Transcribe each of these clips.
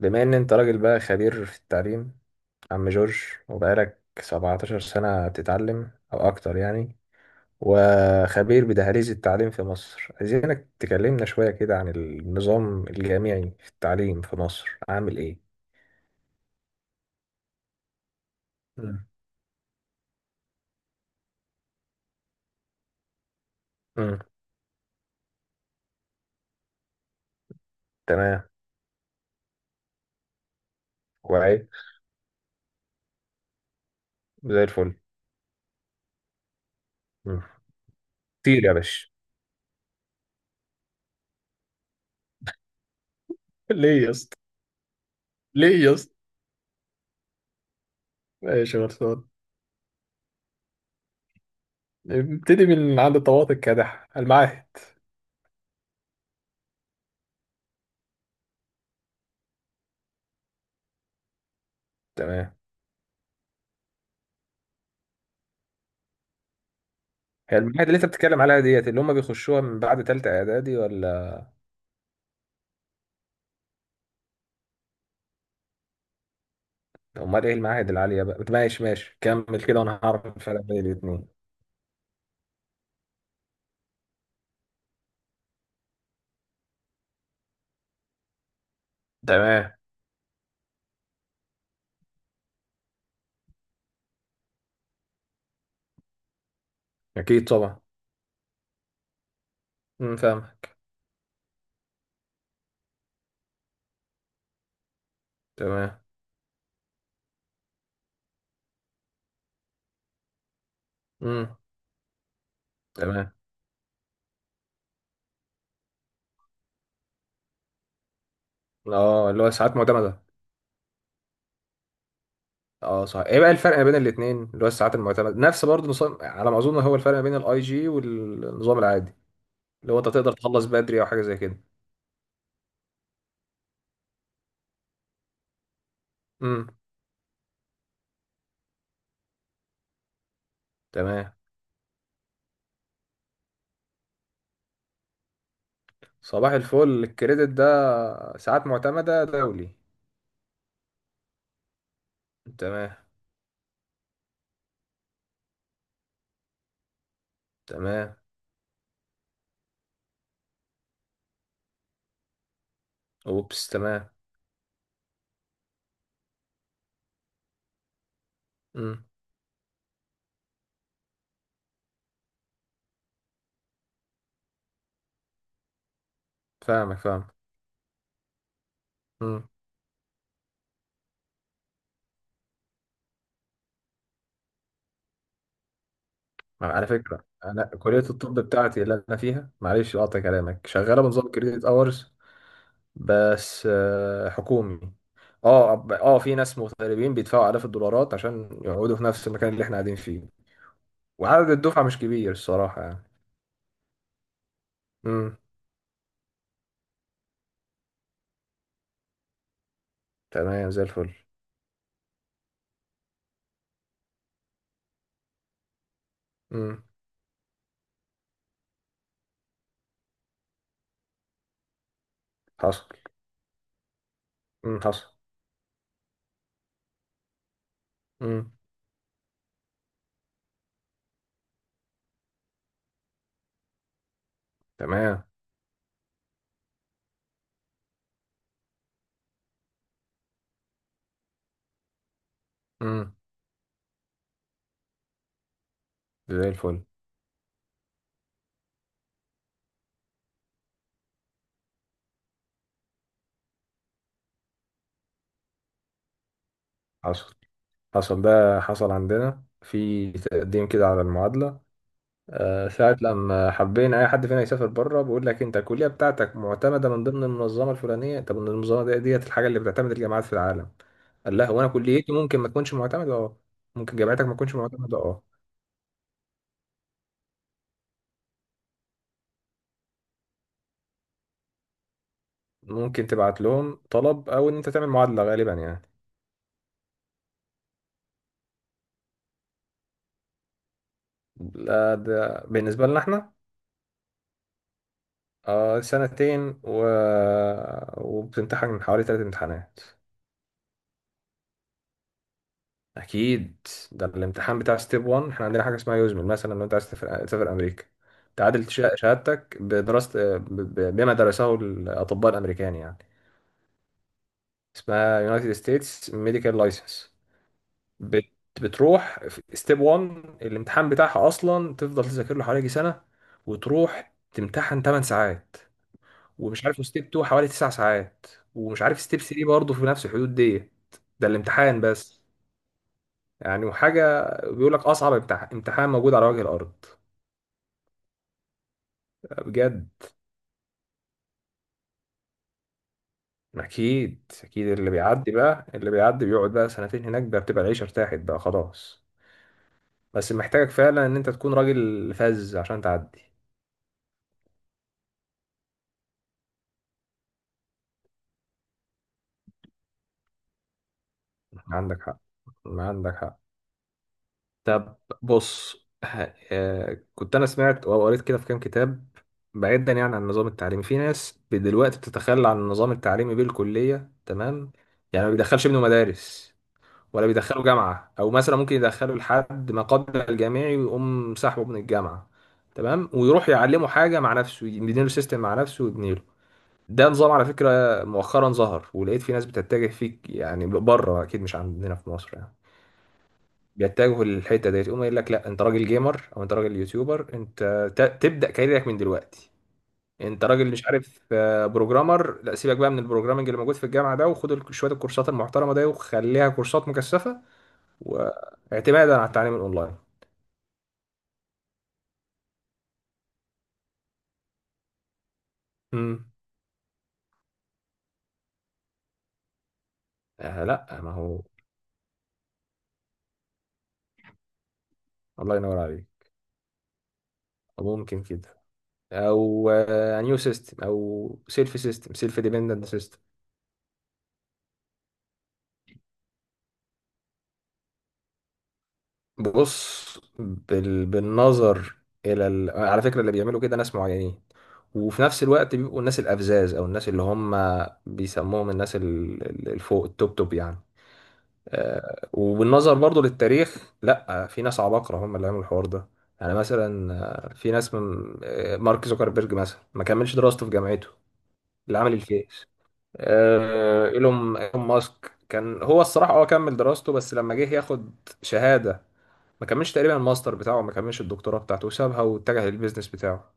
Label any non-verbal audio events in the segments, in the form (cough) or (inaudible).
بما ان انت راجل بقى خبير في التعليم، عم جورج، وبقالك 17 سنة بتتعلم او اكتر يعني، وخبير بدهاليز التعليم في مصر. عايزينك تكلمنا شوية كده عن النظام الجامعي في التعليم في مصر عامل ايه؟ مم. امم. تمام. كويس. زي الفل. مم. طير يا باشا. ليه يا اسطى؟ ليه يا اسطى؟ ماشي يا غلطان. ابتدي من عند الطواقي الكادح المعاهد. تمام. هي المعاهد اللي انت بتتكلم عليها ديت اللي هم بيخشوها من بعد تالتة اعدادي ولا؟ امال ايه المعاهد العاليه بقى؟ ماشي ماشي، كمل كده وانا هعرف الفرق بين الاثنين. تمام. اكيد طبعا. امم، فاهمك. تمام. امم. تمام. اه، اللي هو الساعات المعتمده. اه صح، ايه بقى الفرق ما بين الاثنين؟ اللي هو الساعات المعتمده نفس برضه نظام على ما اظن. هو الفرق ما بين الاي جي والنظام العادي، اللي هو انت تقدر تخلص بدري او حاجه زي كده. امم. تمام. صباح الفل، الكريدت ده ساعات معتمده دولي. تمام. تمام. اوبس، تمام. امم، فاهمك، فاهم. ما على فكرة، أنا كلية الطب بتاعتي اللي أنا فيها، معلش أقطع كلامك، شغالة بنظام كريديت أورز، بس حكومي. اه، في ناس مغتربين بيدفعوا آلاف الدولارات عشان يقعدوا في نفس المكان اللي احنا قاعدين فيه. وعدد الدفعة مش كبير الصراحة يعني. امم. تمام، زي الفل. امم، حصل. امم، حصل. امم. تمام. امم. زي الفل. حصل، حصل، ده حصل عندنا في تقديم كده على المعادلة. ساعة لما حبينا أي حد فينا يسافر بره بيقول لك أنت الكلية بتاعتك معتمدة من ضمن المنظمة الفلانية. طب المنظمة دي ديت الحاجة اللي بتعتمد الجامعات في العالم. قال لها هو أنا كليتي ممكن ما تكونش معتمدة؟ أه. ممكن جامعتك ما تكونش معتمدة؟ أه. ممكن تبعت لهم طلب أو إن أنت تعمل معادلة غالبا يعني. لا، ده بالنسبة لنا إحنا. سنتين وبتمتحن حوالي ثلاث امتحانات. اكيد. ده الامتحان بتاع ستيب 1. احنا عندنا حاجه اسمها يوزمل، مثلا لو انت عايز تسافر، تسافر امريكا، تعادل شهادتك بدراسه بما درسه الاطباء الامريكان يعني. اسمها يونايتد ستيتس ميديكال لايسنس. بتروح في ستيب 1، الامتحان بتاعها اصلا تفضل تذاكر له حوالي يجي سنه. وتروح تمتحن 8 ساعات. ومش عارف، ستيب 2 حوالي 9 ساعات. ومش عارف، ستيب 3 برضه في نفس الحدود دي. ده الامتحان بس. يعني وحاجة، بيقول لك أصعب امتحان موجود على وجه الأرض. لا، بجد. أكيد أكيد، اللي بيعدي بقى، اللي بيعدي بيقعد بقى سنتين هناك بقى، بتبقى العيشة ارتاحت بقى خلاص. بس محتاجك فعلا إن أنت تكون راجل فذ عشان تعدي. عندك حق. عندك حق. طب. بص كنت أنا سمعت أو قريت كده في كام كتاب. بعيدا يعني عن النظام التعليمي، في ناس دلوقتي بتتخلى عن النظام التعليمي بالكلية، تمام. يعني ما بيدخلش ابنه مدارس، ولا بيدخله جامعة، أو مثلا ممكن يدخله لحد ما قبل الجامعي ويقوم سحبه من الجامعة، تمام. ويروح يعلمه حاجة مع نفسه، يبني له سيستم مع نفسه ويبني له. ده نظام على فكرة مؤخرا ظهر، ولقيت في ناس بتتجه فيك يعني، بره أكيد، مش عندنا في مصر يعني. بيتجهوا للحتة ديت، يقوم يقول لك لا أنت راجل جيمر، أو أنت راجل يوتيوبر، أنت تبدأ كاريرك من دلوقتي. انت راجل مش عارف، بروجرامر، لا سيبك بقى من البروجرامنج اللي موجود في الجامعه ده، وخد شويه الكورسات المحترمه ده وخليها كورسات مكثفه. واعتمادا على التعليم الاونلاين. امم. آه، لا ما هو. الله ينور عليك. ممكن كده. او نيو سيستم، او سيلف سيستم، سيلف ديبندنت سيستم. بص بالنظر على فكره اللي بيعملوا كده ناس معينين، وفي نفس الوقت بيبقوا الناس الافذاذ، او الناس اللي هم بيسموهم الناس الفوق، التوب توب يعني. وبالنظر برضو للتاريخ، لا في ناس عباقرة هم اللي عملوا الحوار ده. يعني مثلا في ناس من، مارك زوكربيرج مثلا ما كملش دراسته في جامعته، اللي عمل الفيس. آه، ايلون إيلون ماسك كان هو الصراحة هو كمل دراسته بس لما جه ياخد شهادة، ما كملش تقريبا الماستر بتاعه، ما كملش الدكتوراه بتاعته وسابها واتجه للبيزنس بتاعه.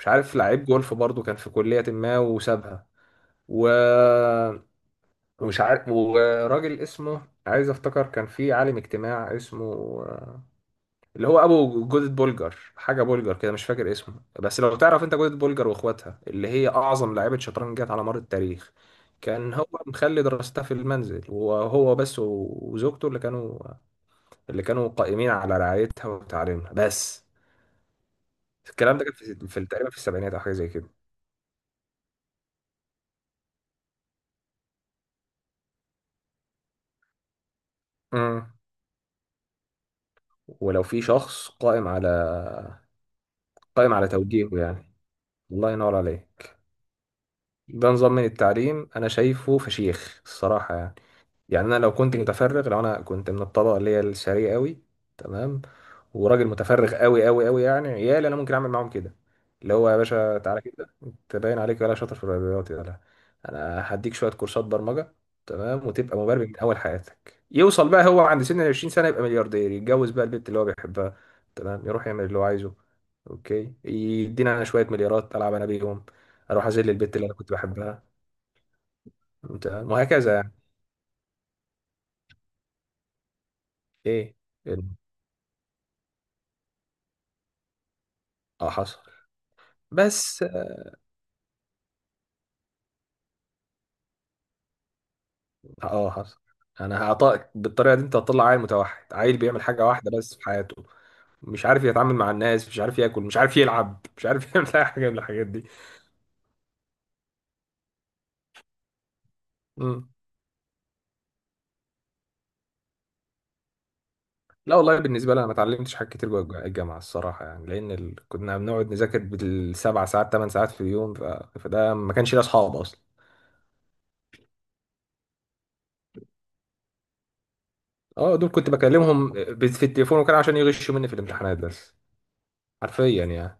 مش عارف لعيب جولف برضو كان في كلية ما وسابها. و ومش عارف، وراجل اسمه، عايز افتكر كان في عالم اجتماع اسمه آه، اللي هو ابو جوزة بولجر، حاجه بولجر كده مش فاكر اسمه. بس لو تعرف انت جوزة بولجر واخواتها اللي هي اعظم لاعيبه شطرنج جت على مر التاريخ. كان هو مخلي دراستها في المنزل، وهو بس وزوجته اللي كانوا، اللي كانوا قائمين على رعايتها وتعليمها بس. الكلام ده كان في تقريبا في السبعينات او حاجه زي كده. امم. ولو في شخص قائم على، قائم على توجيهه يعني. الله ينور عليه. ده نظام من التعليم انا شايفه فشيخ الصراحه يعني. يعني انا لو كنت متفرغ، لو انا كنت من الطبقه اللي هي الثريه قوي، تمام، وراجل متفرغ قوي قوي قوي يعني، عيالي انا ممكن اعمل معاهم كده. اللي هو يا باشا تعالى كده انت باين عليك ولا شاطر في الرياضيات يا لا. انا هديك شويه كورسات برمجه، تمام، وتبقى مبرمج من اول حياتك. يوصل بقى هو عند سن ال 20 سنه، يبقى ملياردير، يتجوز بقى البنت اللي هو بيحبها، تمام. يروح يعمل اللي هو عايزه. اوكي، يدينا انا شويه مليارات العب انا بيهم. اروح اذل البت اللي انا كنت بحبها، تمام، وهكذا يعني. ايه؟ ال- اه حصل. بس اه، حصل. انا هعطاك بالطريقه دي، انت هتطلع عيل متوحد، عيل بيعمل حاجه واحده بس في حياته. مش عارف يتعامل مع الناس، مش عارف ياكل، مش عارف يلعب، مش عارف (laughs) يعمل اي حاجه من الحاجات دي. مم. لا والله، بالنسبه لي انا ما اتعلمتش حاجات كتير جوه الجامعه الصراحه يعني، لان كنا بنقعد نذاكر بالسبع ساعات ثمان ساعات في اليوم، فده ما كانش ليه اصحاب اصلا. اه، دول كنت بكلمهم في التليفون، وكان عشان يغشوا مني في الامتحانات بس. حرفيا يعني.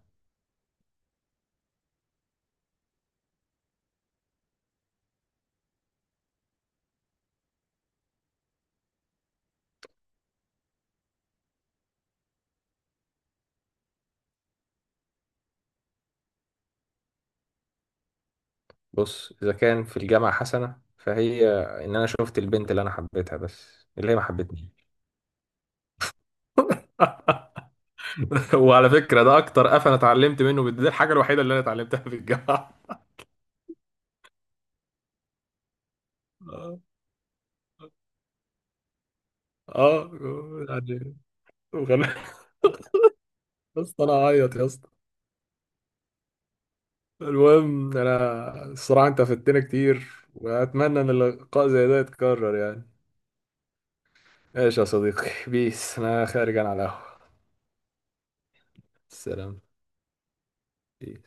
بص، إذا كان في الجامعة حسنة فهي إن أنا شفت البنت اللي أنا حبيتها، بس اللي هي ما حبتني. (laughs) وعلى فكرة، ده أكتر قفا أنا اتعلمت منه، دي الحاجة الوحيدة اللي أنا اتعلمتها في الجامعة. (laughs) آه. آه، يعني وغل... (laughs) يا اسطى أنا أعيط يا اسطى. المهم أنا الصراحة أنت فدتنا كتير. وأتمنى إن اللقاء زي ده يتكرر يعني. ماشي يا صديقي (laughs) بيس، أنا خارج أنا على القهوة. سلام. بيس.